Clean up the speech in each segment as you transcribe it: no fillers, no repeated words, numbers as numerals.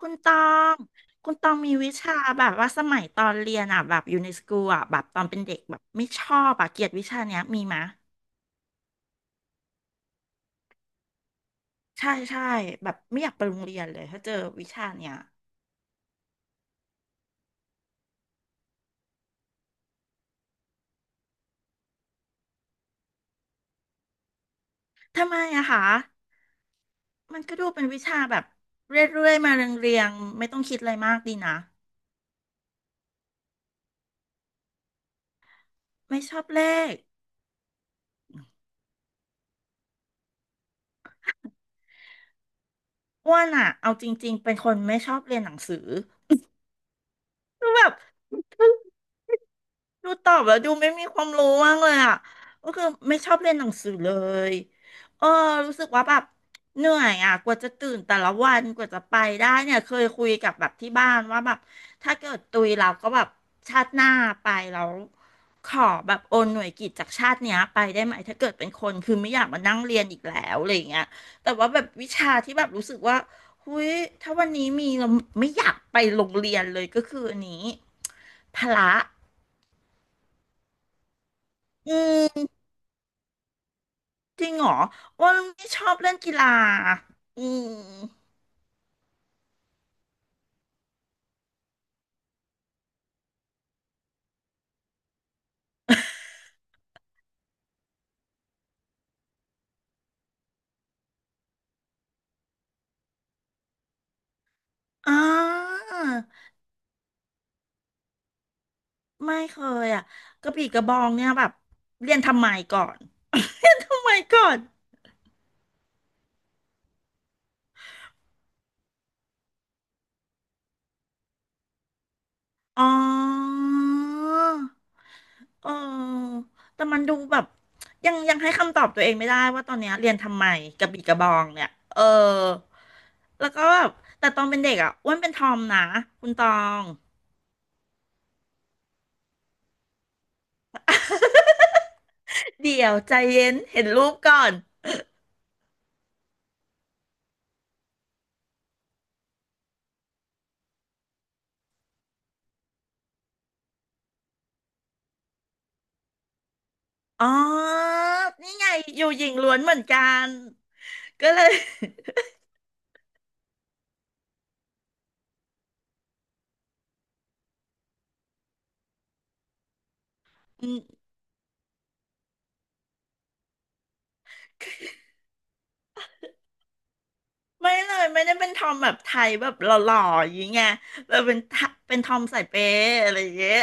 คุณตองคุณตองมีวิชาแบบว่าสมัยตอนเรียนอ่ะแบบอยู่ในสกูลอ่ะแบบตอนเป็นเด็กแบบไม่ชอบอ่ะเกลียดวิชาเนี้ยมีมะใช่ใช่แบบไม่อยากไปโรงเรียนเลยถ้าเจอวิชาเนี้ยทำไมอะคะมันก็ดูเป็นวิชาแบบเรื่อยๆมาเรียงๆไม่ต้องคิดอะไรมากดีนะไม่ชอบเลขอ้วนอะเอาจริงๆเป็นคนไม่ชอบเรียนหนังสือคือแบบ ดูตอบแล้วดูไม่มีความรู้มากเลยอ่ะก็คือไม่ชอบเรียนหนังสือเลยเออรู้สึกว่าแบบเหนื่อยอ่ะกว่าจะตื่นแต่ละวันกว่าจะไปได้เนี่ยเคยคุยกับแบบที่บ้านว่าแบบถ้าเกิดตุยเราก็แบบชาติหน้าไปแล้วขอแบบโอนหน่วยกิตจากชาติเนี้ยไปได้ไหมถ้าเกิดเป็นคนคือไม่อยากมานั่งเรียนอีกแล้วอะไรอย่างเงี้ยแต่ว่าแบบวิชาที่แบบรู้สึกว่าหุยถ้าวันนี้มีเราไม่อยากไปโรงเรียนเลยก็คืออันนี้พละอืม จริงเหรออ้วนไม่ชอบเล่นกีฬาอืมอ่าไม่เคยอ่ะกระบี่กระบองเนี่ยแบบเรียนทำไมก่อน เรียนทำไมก่อนอ๋อเออแต่มันดูแบบยังให้คำตอบตัวเองไม่ได้ว่าตอนเนี้ยเรียนทำไมกระบี่กระบองเนี่ยเออแล้วก็แบบแต่ตอนเป็นเด็กอ่ะอ้วนเป็นทอมนะคุณตอง เดี๋ยวใจเย็นเห็นรูปก่อน อ๋อนี่ไงอยู่หญิงล้วนเหมือนกันก็เลย อืมไม่เลยไม่ได้เป็นทอมแบบไทยแบบหล่อๆอย่างเงี้ยแบบเป็นทะเป็นทอมสายเปย์อะไรอย่างเงี้ย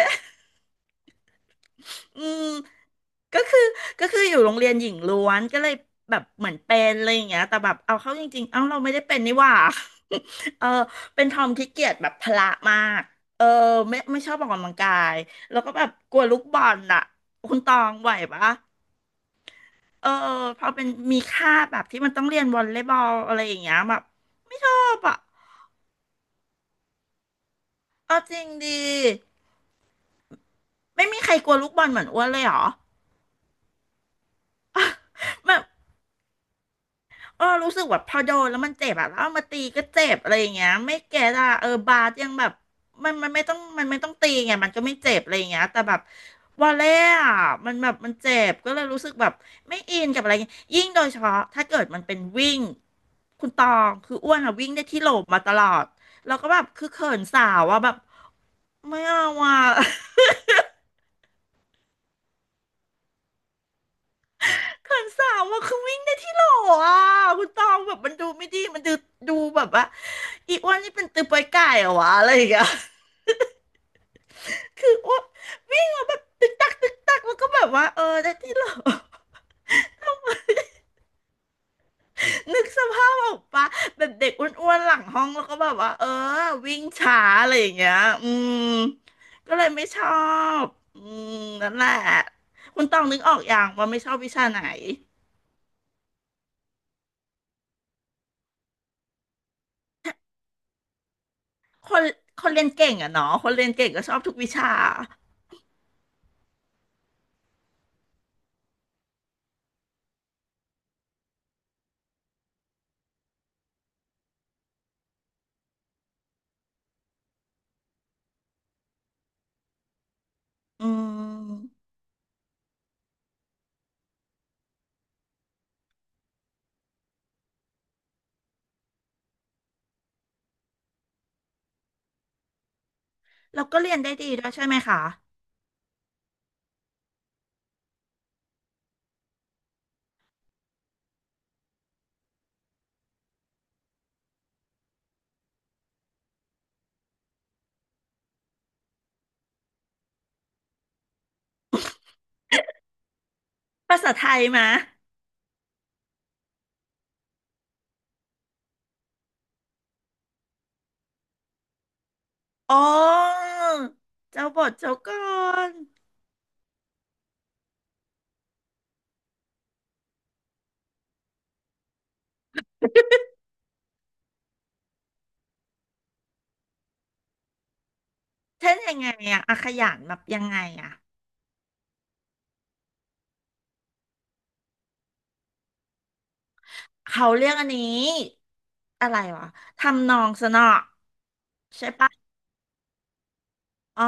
อืมก็คือก็คืออยู่โรงเรียนหญิงล้วนก็เลยแบบเหมือนเป็นอะไรอย่างเงี้ยแต่แบบเอาเข้าจริงๆเอ้าเราไม่ได้เป็นนี่หว่า เออเป็นทอมที่เกียจแบบพละมากเออไม่ชอบออกกำลังกายแล้วก็แบบกลัวลูกบอลอ่ะคุณตองไหวปะ เออพอเป็นมีค่าแบบที่มันต้องเรียนวอลเลย์บอลอะไรอย่างเงี้ยแบบไม่ชอบอ่ะเอาจริงดีไม่มีใครกลัวลูกบอลเหมือนอ้วนเลยเหรอ แบบ เออรู้สึกแบบพอโดนแล้วมันเจ็บอะแล้วเอามาตีก็เจ็บอะไรอย่างเงี้ยไม่แก่อะเออบาสยังแบบมันไม่ต้องตีไงมันก็ไม่เจ็บอะไรอย่างเงี้ยแต่แบบวอลเล่อะมันแบบมันเจ็บก็เลยรู้สึกแบบไม่อินกับอะไรอย่างเงี้ยยิ่งโดยเฉพาะถ้าเกิดมันเป็นวิ่งคุณตองคืออ้วนอะวิ่งได้ที่โหลมาตลอดแล้วก็แบบคือเขินสาวอะแบบไม่เอาอะ เขินสาวอะคือวิ่งได้ที่โหลอ่ะคุณตองแบบมันดูไม่ดีมันดูดูแบบว่าอีอ้วนนี่เป็นตือปอยไก่เหรอวะอะไรอย่างเงี้ย คืออ้วนวิ่งมาแบบตึกตักตึกตักแล้วก็แบบว่าเออได้ที่โหล นึกสภาพออกปะแบบเด็กอ้วนๆหลังห้องแล้วก็แบบว่าเออวิ่งช้าอะไรอย่างเงี้ยอืมก็เลยไม่ชอบอืมนั่นแหละคุณตองนึกออกอย่างว่าไม่ชอบวิชาไหนคนคนเรียนเก่งอะเนาะคนเรียนเก่งก็ชอบทุกวิชา อืมเราก็เรียนได้ดีด้วยใช่ไหมคะภาษาไทยมะอ๋อเจ้าบทเจ้ากรเช่นยังไงอะอาขยานแบบยังไงอะเขาเรียกอันนี้อะไรวะทำนองสนอใช่ปะอ๋อ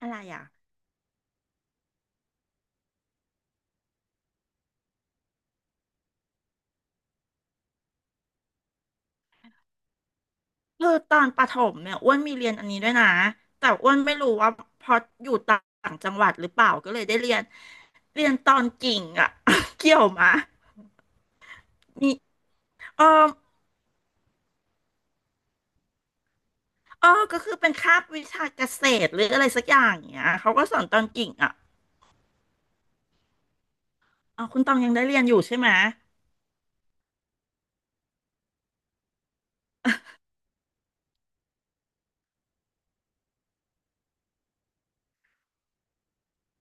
อะไรอ่ะคือตอนประถมเนี่ยอ้วนมีเรียนอันนี้ด้วยนะแต่อ้วนไม่รู้ว่าเพราะอยู่ต่างจังหวัดหรือเปล่าก็เลยได้เรียนเรียนตอนกิ่งอ่ะ เกี่ยวมะมีเออ เออก็คือเป็นคาบวิชาเกษตรหรืออะไรสักอย่างเงี้ยเขาก็สอนตอนกิ่งอ่ะอ๋อคุณตองยังได้เรียนอยู่ใช่ไหม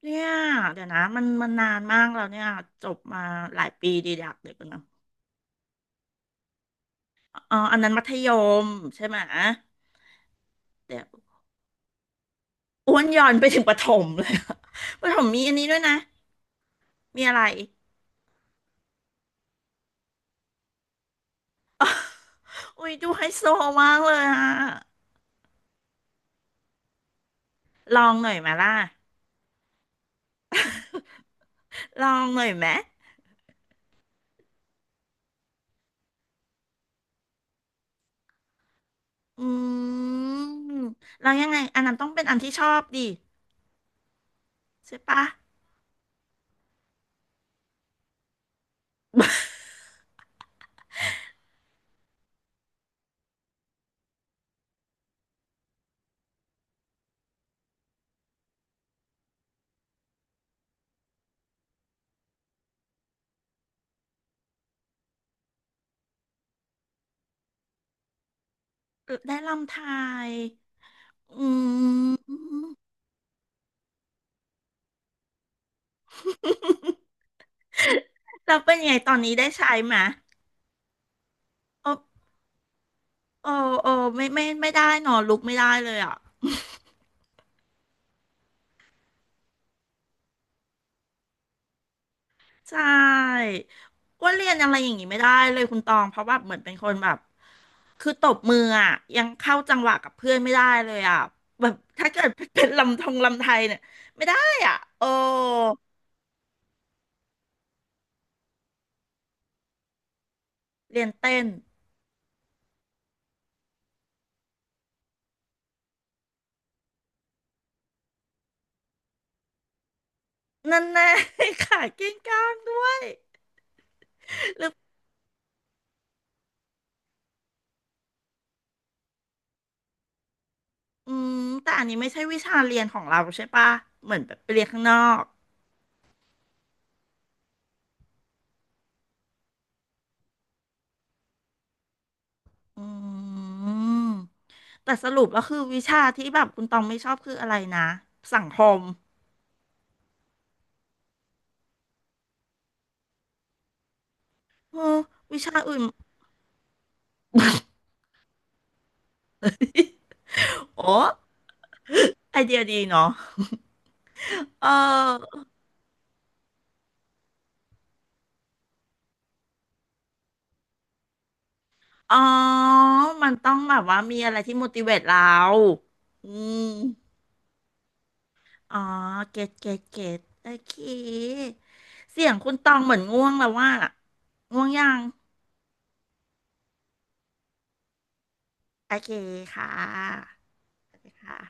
เนี่ยเดี๋ยวนะมันมันนานมากแล้วเนี่ยจบมาหลายปีดีดักเดี๋ยวกันนะอ๋ออันนั้นมัธยมใช่ไหมเดี๋ยวอ้วนย้อนไปถึงประถมเลยอะ ประถมมีอันนี้ด้วยนะมีอะไรอุ้ยดูไฮโซมากเลยอะลองหน่อยไหมาล่ะลองหน่อยไหมอืมแล้วยังไงอันนั้นต้องเป็นอันที่ชอบดิใช่ปะ เออได้ลำไทยอืมแล้วเป็นยังไงตอนนี้ได้ใช้ไหมโอ้โอ้โอ้ไม่ไม่ไม่ได้หนอลุกไม่ได้เลยอ่ะใช่อ้ว่าเรียนอะไรอย่างงี้ไม่ได้เลยคุณตองเพราะแบบเหมือนเป็นคนแบบคือตบมืออ่ะยังเข้าจังหวะกับเพื่อนไม่ได้เลยอ่ะแบบถ้าเกิดเป็นลำทงลำไทยเนี่ยไม่ได้อ่ะโอ้เรียนเต้นนั่นแน่ ขาเก้งก้างด้วย อืมแต่อันนี้ไม่ใช่วิชาเรียนของเราใช่ปะเหมือนแบบไปเรียนข้างนอกอืมแต่สรุปแล้วคือวิชาที่แบบคุณตองไม่ชอบคืออะไรนะสังคมเออวิชาอื่น โอ้ไอเดียดีเนาะ เอออ๋อมันต้องแบบว่ามีอะไรที่ motivate เราอืมอ๋อเก็ตเก็ตเก็ตโอเคเสียงคุณตองเหมือนง่วงแล้วว่าง่วงยัง โอเคค่ะสวัสดีค่ะ